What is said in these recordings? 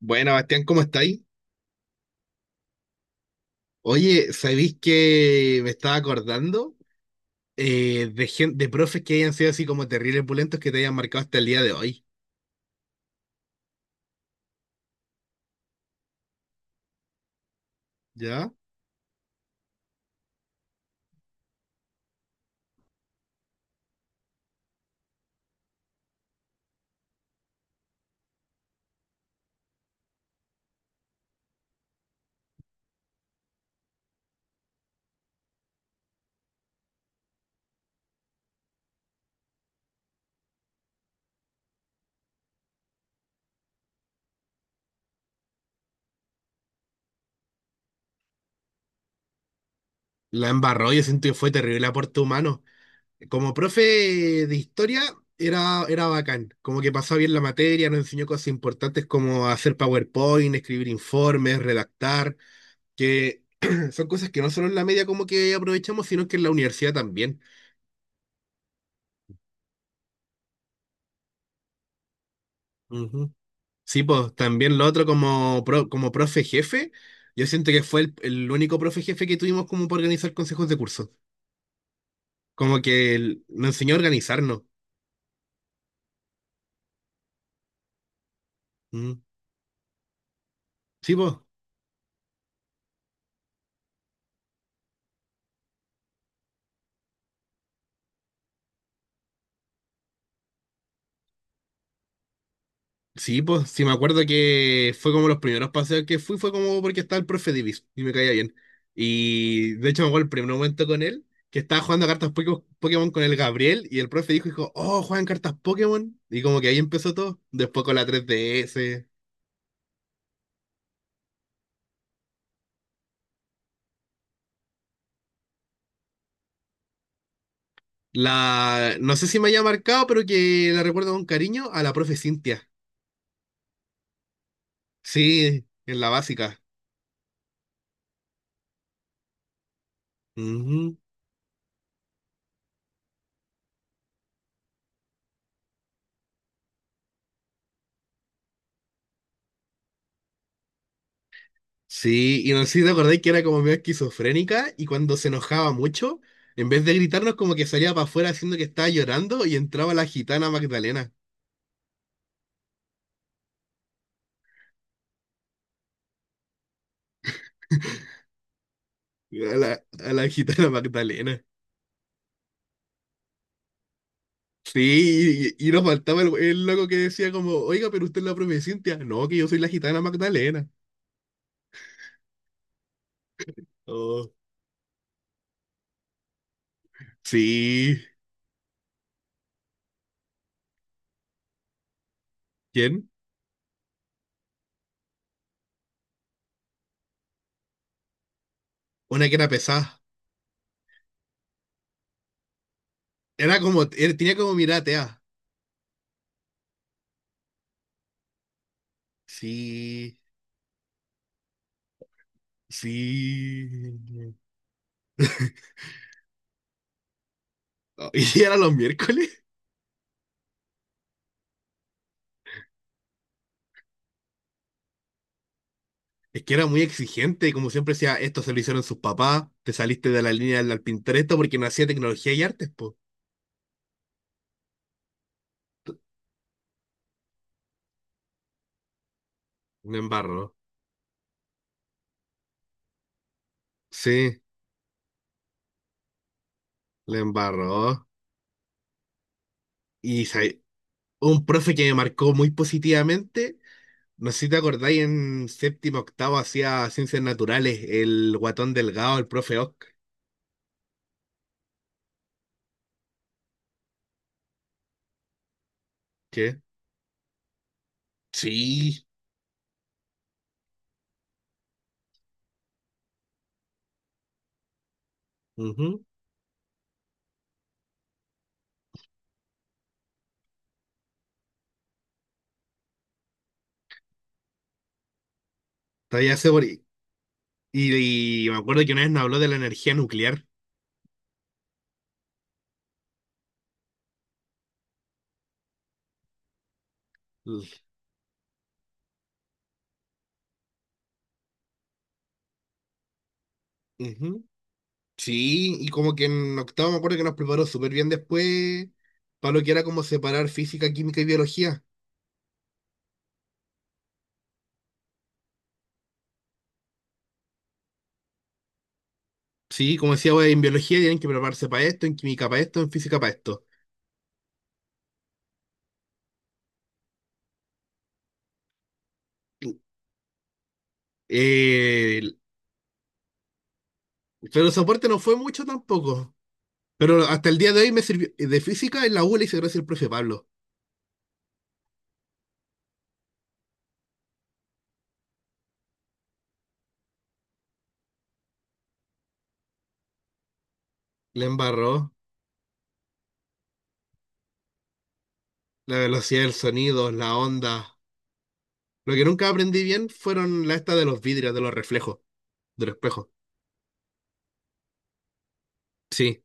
Bueno, Bastián, ¿cómo estáis? Oye, ¿sabéis que me estaba acordando de profes que hayan sido así como terribles pulentos que te hayan marcado hasta el día de hoy? ¿Ya? La embarró, yo siento que fue terrible aporte humano. Como profe de historia, era bacán. Como que pasó bien la materia, nos enseñó cosas importantes como hacer PowerPoint, escribir informes, redactar, que son cosas que no solo en la media como que aprovechamos, sino que en la universidad también. Sí, pues también lo otro como, como profe jefe, yo siento que fue el único profe jefe que tuvimos como para organizar consejos de curso. Como que nos enseñó a organizarnos. Mm. Sí, pues, sí, pues, sí me acuerdo que fue como los primeros paseos que fui, fue como porque estaba el profe Divis y me caía bien. Y de hecho me acuerdo el primer momento con él, que estaba jugando a cartas Pokémon con el Gabriel y el profe dijo, oh, juegan cartas Pokémon. Y como que ahí empezó todo, después con la 3DS. La, no sé si me haya marcado, pero que la recuerdo con cariño a la profe Cintia. Sí, en la básica. Ujú. Sí, y no sé si te acordáis que era como medio esquizofrénica y cuando se enojaba mucho, en vez de gritarnos como que salía para afuera haciendo que estaba llorando y entraba la gitana Magdalena. A la gitana Magdalena. Sí, y nos faltaba el loco que decía como, oiga, pero usted es la profe Cintia. No, que yo soy la gitana Magdalena. Oh, sí. ¿Quién? Una que era pesada. Era como, tenía como mirada atea. Sí, sí. Oh, Y si era los miércoles, es que era muy exigente. Y como siempre decía, esto se lo hicieron sus papás. Te saliste de la línea del Pinterest porque no hacía tecnología y artes, po. Le embarró. Sí, le embarró. Y sa- un profe que me marcó muy positivamente. No sé si te acordáis, en séptimo, octavo hacía ciencias naturales, el guatón delgado, el profe Ock. ¿Qué? Sí. Ujú. Todavía se. Y me acuerdo que una vez nos habló de la energía nuclear. L- ujú. Sí, y como que en octavo me acuerdo que nos preparó súper bien después para lo que era como separar física, química y biología. Sí, como decía, wey, en biología tienen que prepararse para esto, en química para esto, en física para esto. Eh, pero el soporte no fue mucho tampoco. Pero hasta el día de hoy me sirvió, de física en la U le hice gracias al profe Pablo. Le embarró la velocidad del sonido, la onda. Lo que nunca aprendí bien fueron la esta de los vidrios, de los reflejos. Del espejo. Sí,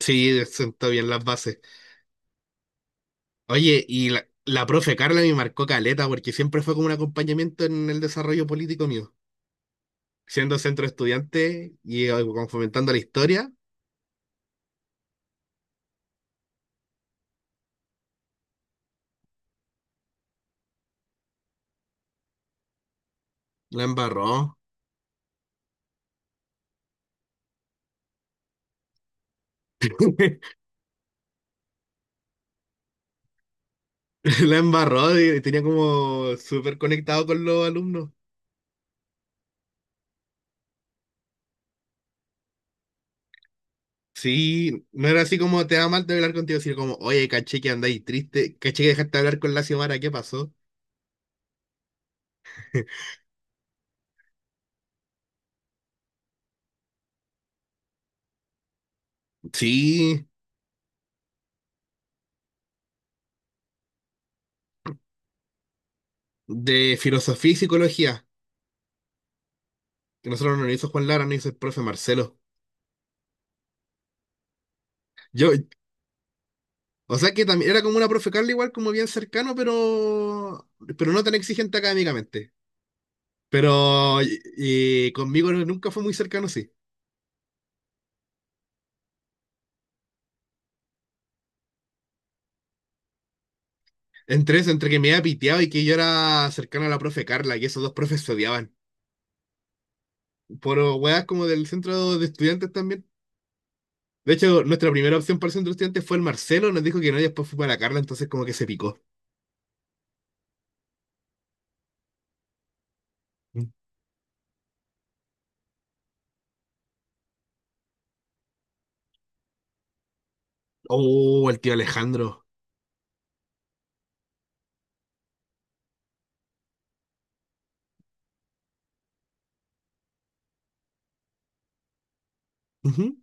sí, sentó bien las bases. Oye, y la profe Carla me marcó caleta porque siempre fue como un acompañamiento en el desarrollo político mío. Siendo centro estudiante y, como fomentando la historia, la embarró. La embarró y tenía como súper conectado con los alumnos. Sí, no era así como te da mal de hablar contigo, sino como, oye, caché que andáis triste, caché que dejaste de hablar con la Xiomara, ¿qué pasó? Sí, de filosofía y psicología. Que nosotros no nos hizo Juan Lara, nos hizo el profe Marcelo. Yo, o sea que también era como una profe Carla, igual como bien cercano, pero no tan exigente académicamente. Pero y conmigo nunca fue muy cercano, sí. Entre eso, entre que me había piteado y que yo era cercano a la profe Carla, y esos dos profes se odiaban. Por weas como del centro de estudiantes también. De hecho, nuestra primera opción para el centro de estudiantes fue el Marcelo, nos dijo que no, y después fue para la Carla, entonces como que se picó. Oh, el tío Alejandro. Ujú.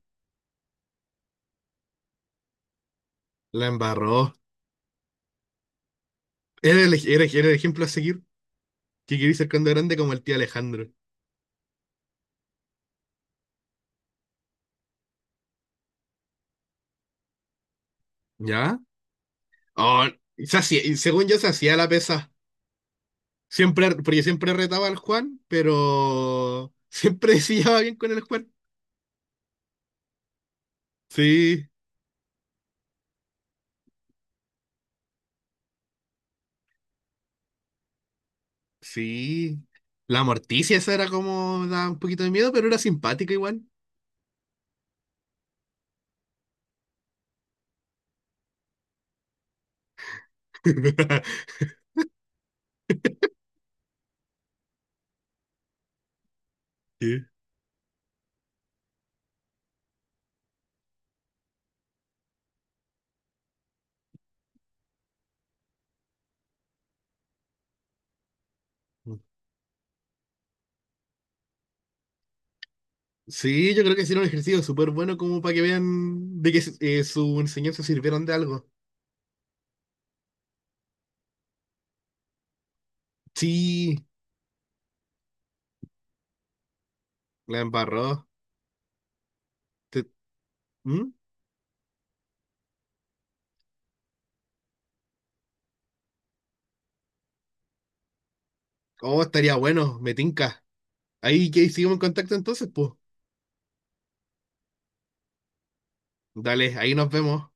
La embarró. Era el, era el ejemplo a seguir. Que quería ser cuando grande como el tío Alejandro. ¿Ya? Oh, y según yo se hacía la pesa. Siempre, porque siempre retaba al Juan, pero siempre se llevaba bien con el Juan. Sí, sí. La Morticia esa era como, da un poquito de miedo, pero era simpática igual. Sí. Sí, yo creo que hicieron un ejercicio súper bueno como para que vean de que, su enseñanza sirvieron de algo. Sí, la embarró. Te- ¿Mm? Oh, estaría bueno, me tinca. Ahí que seguimos en contacto entonces, pues. Dale, ahí nos vemos.